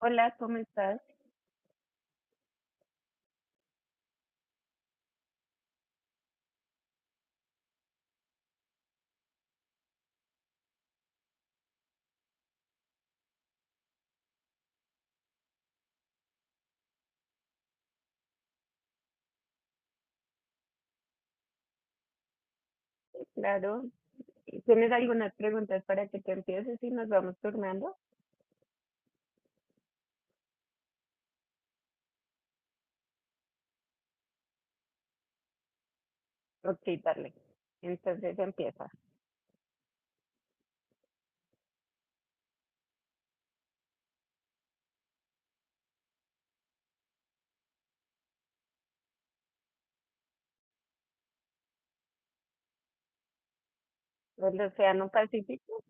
Hola, ¿cómo estás? Sí, claro. ¿Tienes algunas preguntas para que te empieces y nos vamos turnando? Ok, dale. Entonces empieza. ¿El Océano Pacífico?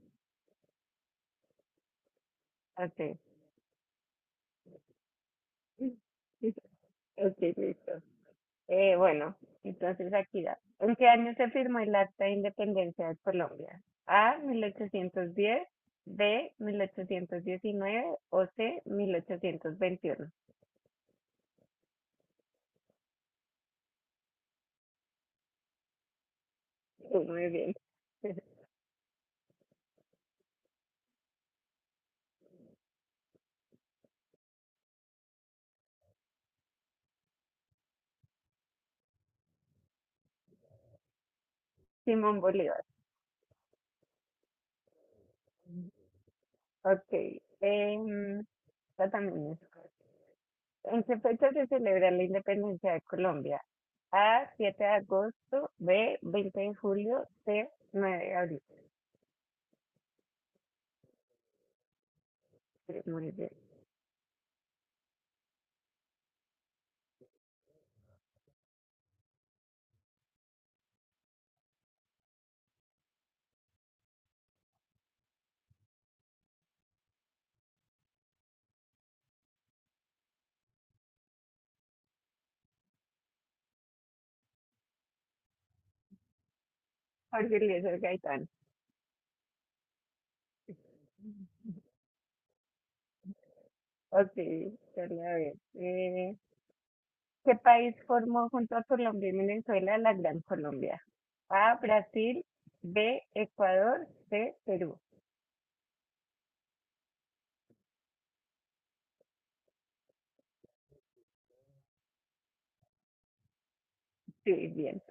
Así. Ok, listo. Bueno, entonces aquí da. ¿En qué año se firmó el Acta de Independencia de Colombia? A, 1810; B, 1819; o C, 1821. Sí, muy bien. Simón Bolívar. Ok. em, Esta también es. ¿En qué fecha se celebra la independencia de Colombia? A, 7 de agosto; B, 20 de julio; C, 9 de abril. Sí, muy bien. Jorge Eliezer Gaitán. Ok, ya la veo. ¿Qué país formó junto a Colombia y Venezuela la Gran Colombia? A, Brasil; B, Ecuador; C, Perú. Sí, bien.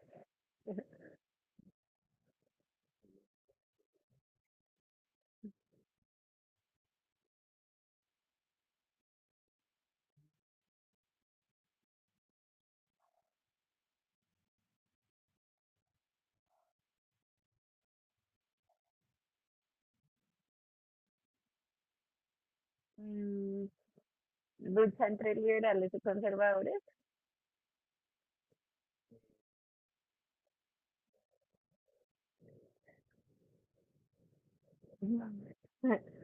Mm, ¿lucha entre liberales y conservadores? No.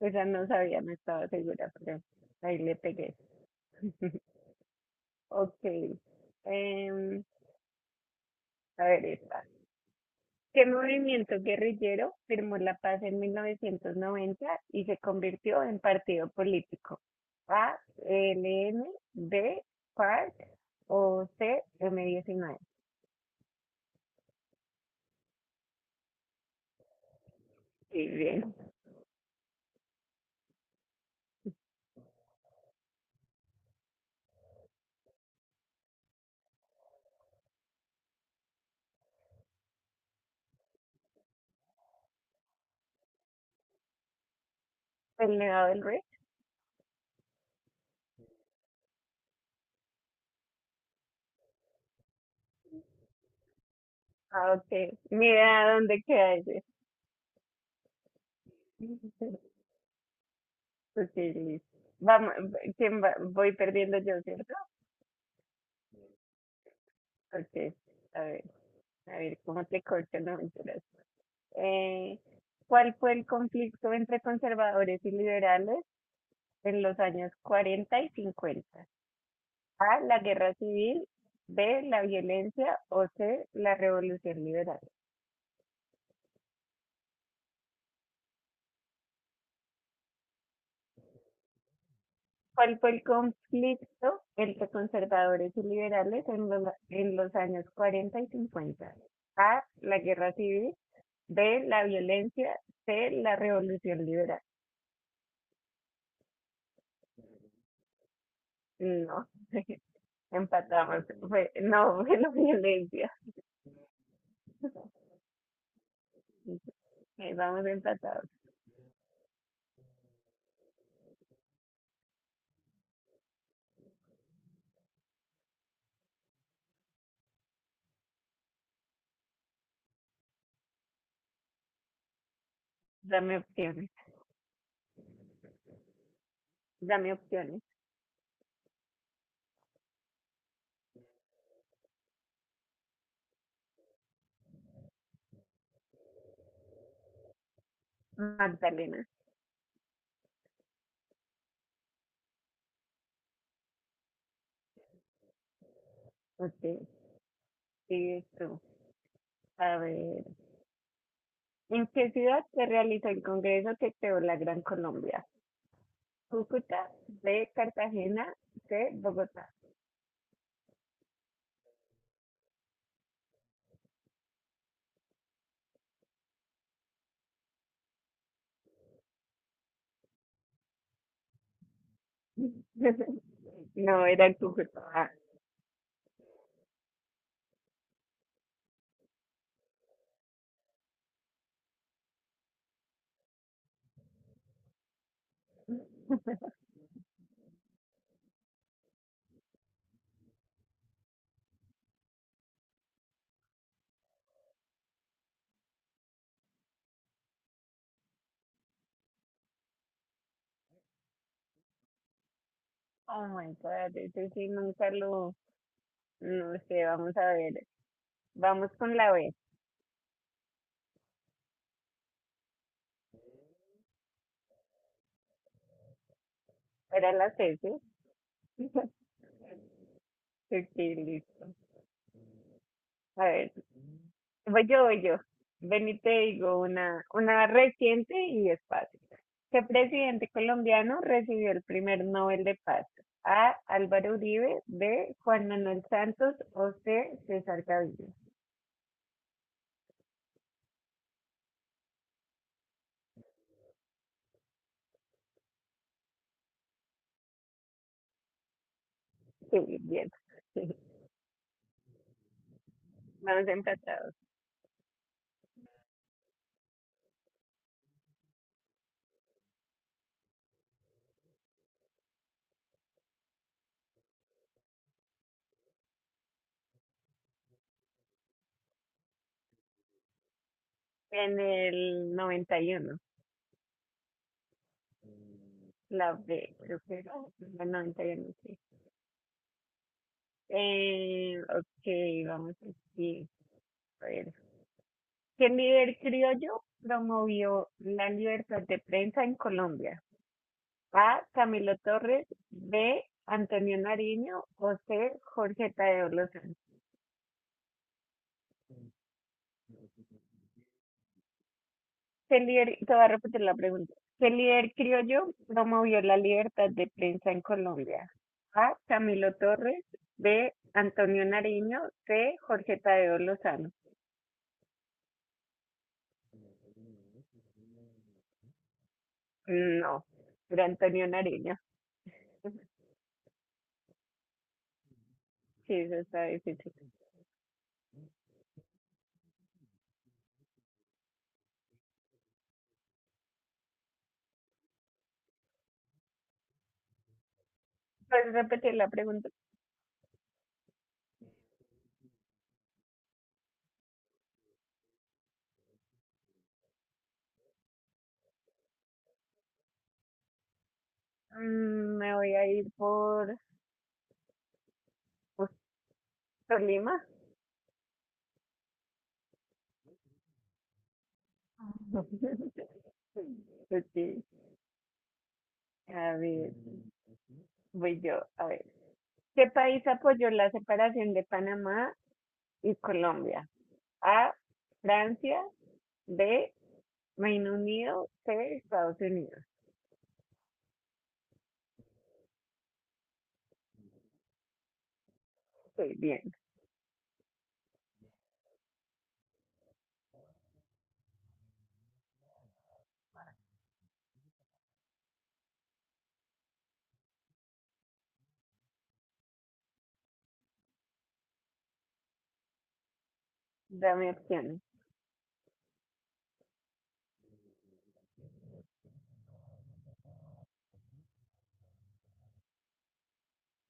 O sea, no sabía, no estaba segura, pero ahí le pegué. Ok. Em, a ver esta. ¿Qué movimiento guerrillero firmó la paz en 1990 y se convirtió en partido político? A, ELN; B, FARC; o C, M19. Sí, bien. El Nevado del Rey. Ah, ok. Mira dónde queda ese. Ok, listo. Vamos, ¿quién va? Voy perdiendo yo, ¿cierto? Ok, a ver. A ver cómo te corto, no mentiras. Eh, ¿Cuál fue el conflicto entre conservadores y liberales en los años 40 y 50? A, la guerra civil; B, la violencia; o C, la revolución liberal. ¿Cuál fue el conflicto entre conservadores y liberales en los, años 40 y 50? A, la guerra civil; B, la violencia; C, la revolución liberal. No. Empatamos. Fue, no, fue la violencia. Vamos empatados. Dame opciones. Dame opciones. Magdalena, usted sigues tú. A ver, ¿en qué ciudad se realizó el congreso que creó la Gran Colombia? Cúcuta; B, Cartagena; C, Bogotá. No, era Cúcuta. Ah, oh my God, ese sí nunca lo, no sé, vamos a ver. Vamos con la B, era la C, ¿sí? Ok, listo. A ver. Voy yo, voy yo. Ven y te digo una reciente y es fácil. ¿Qué presidente colombiano recibió el primer Nobel de Paz? A, Álvaro Uribe; B, Juan Manuel Santos; o C, César Gaviria. Sí, bien. Vamos empatados. En el noventa y uno. La B, creo que era. La noventa y uno, sí. Ok, vamos a decir. A ver. ¿Qué líder criollo promovió la libertad de prensa en Colombia? A, Camilo Torres; B, Antonio Nariño; o C, Jorge Tadeo Lozano. ¿Qué líder, te voy a repetir la pregunta. ¿Qué líder criollo promovió la libertad de prensa en Colombia? A, Camilo Torres; B, Antonio Nariño; C, Jorge Tadeo Lozano. No, era Antonio Nariño. Sí, eso está difícil. ¿Puedes repetir la pregunta? Mm, me voy a ir por Tolima. Ok, a ver. Voy yo, a ver. ¿Qué país apoyó la separación de Panamá y Colombia? A, Francia; B, Reino Unido; C, Estados Unidos. Estoy bien, dame opciones.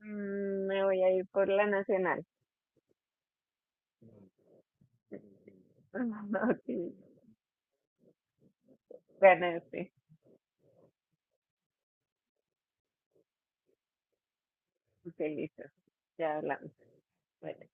Mm, me voy a ir por la nacional. Ok, ganaste. Ok, listo, ya hablamos. Bueno.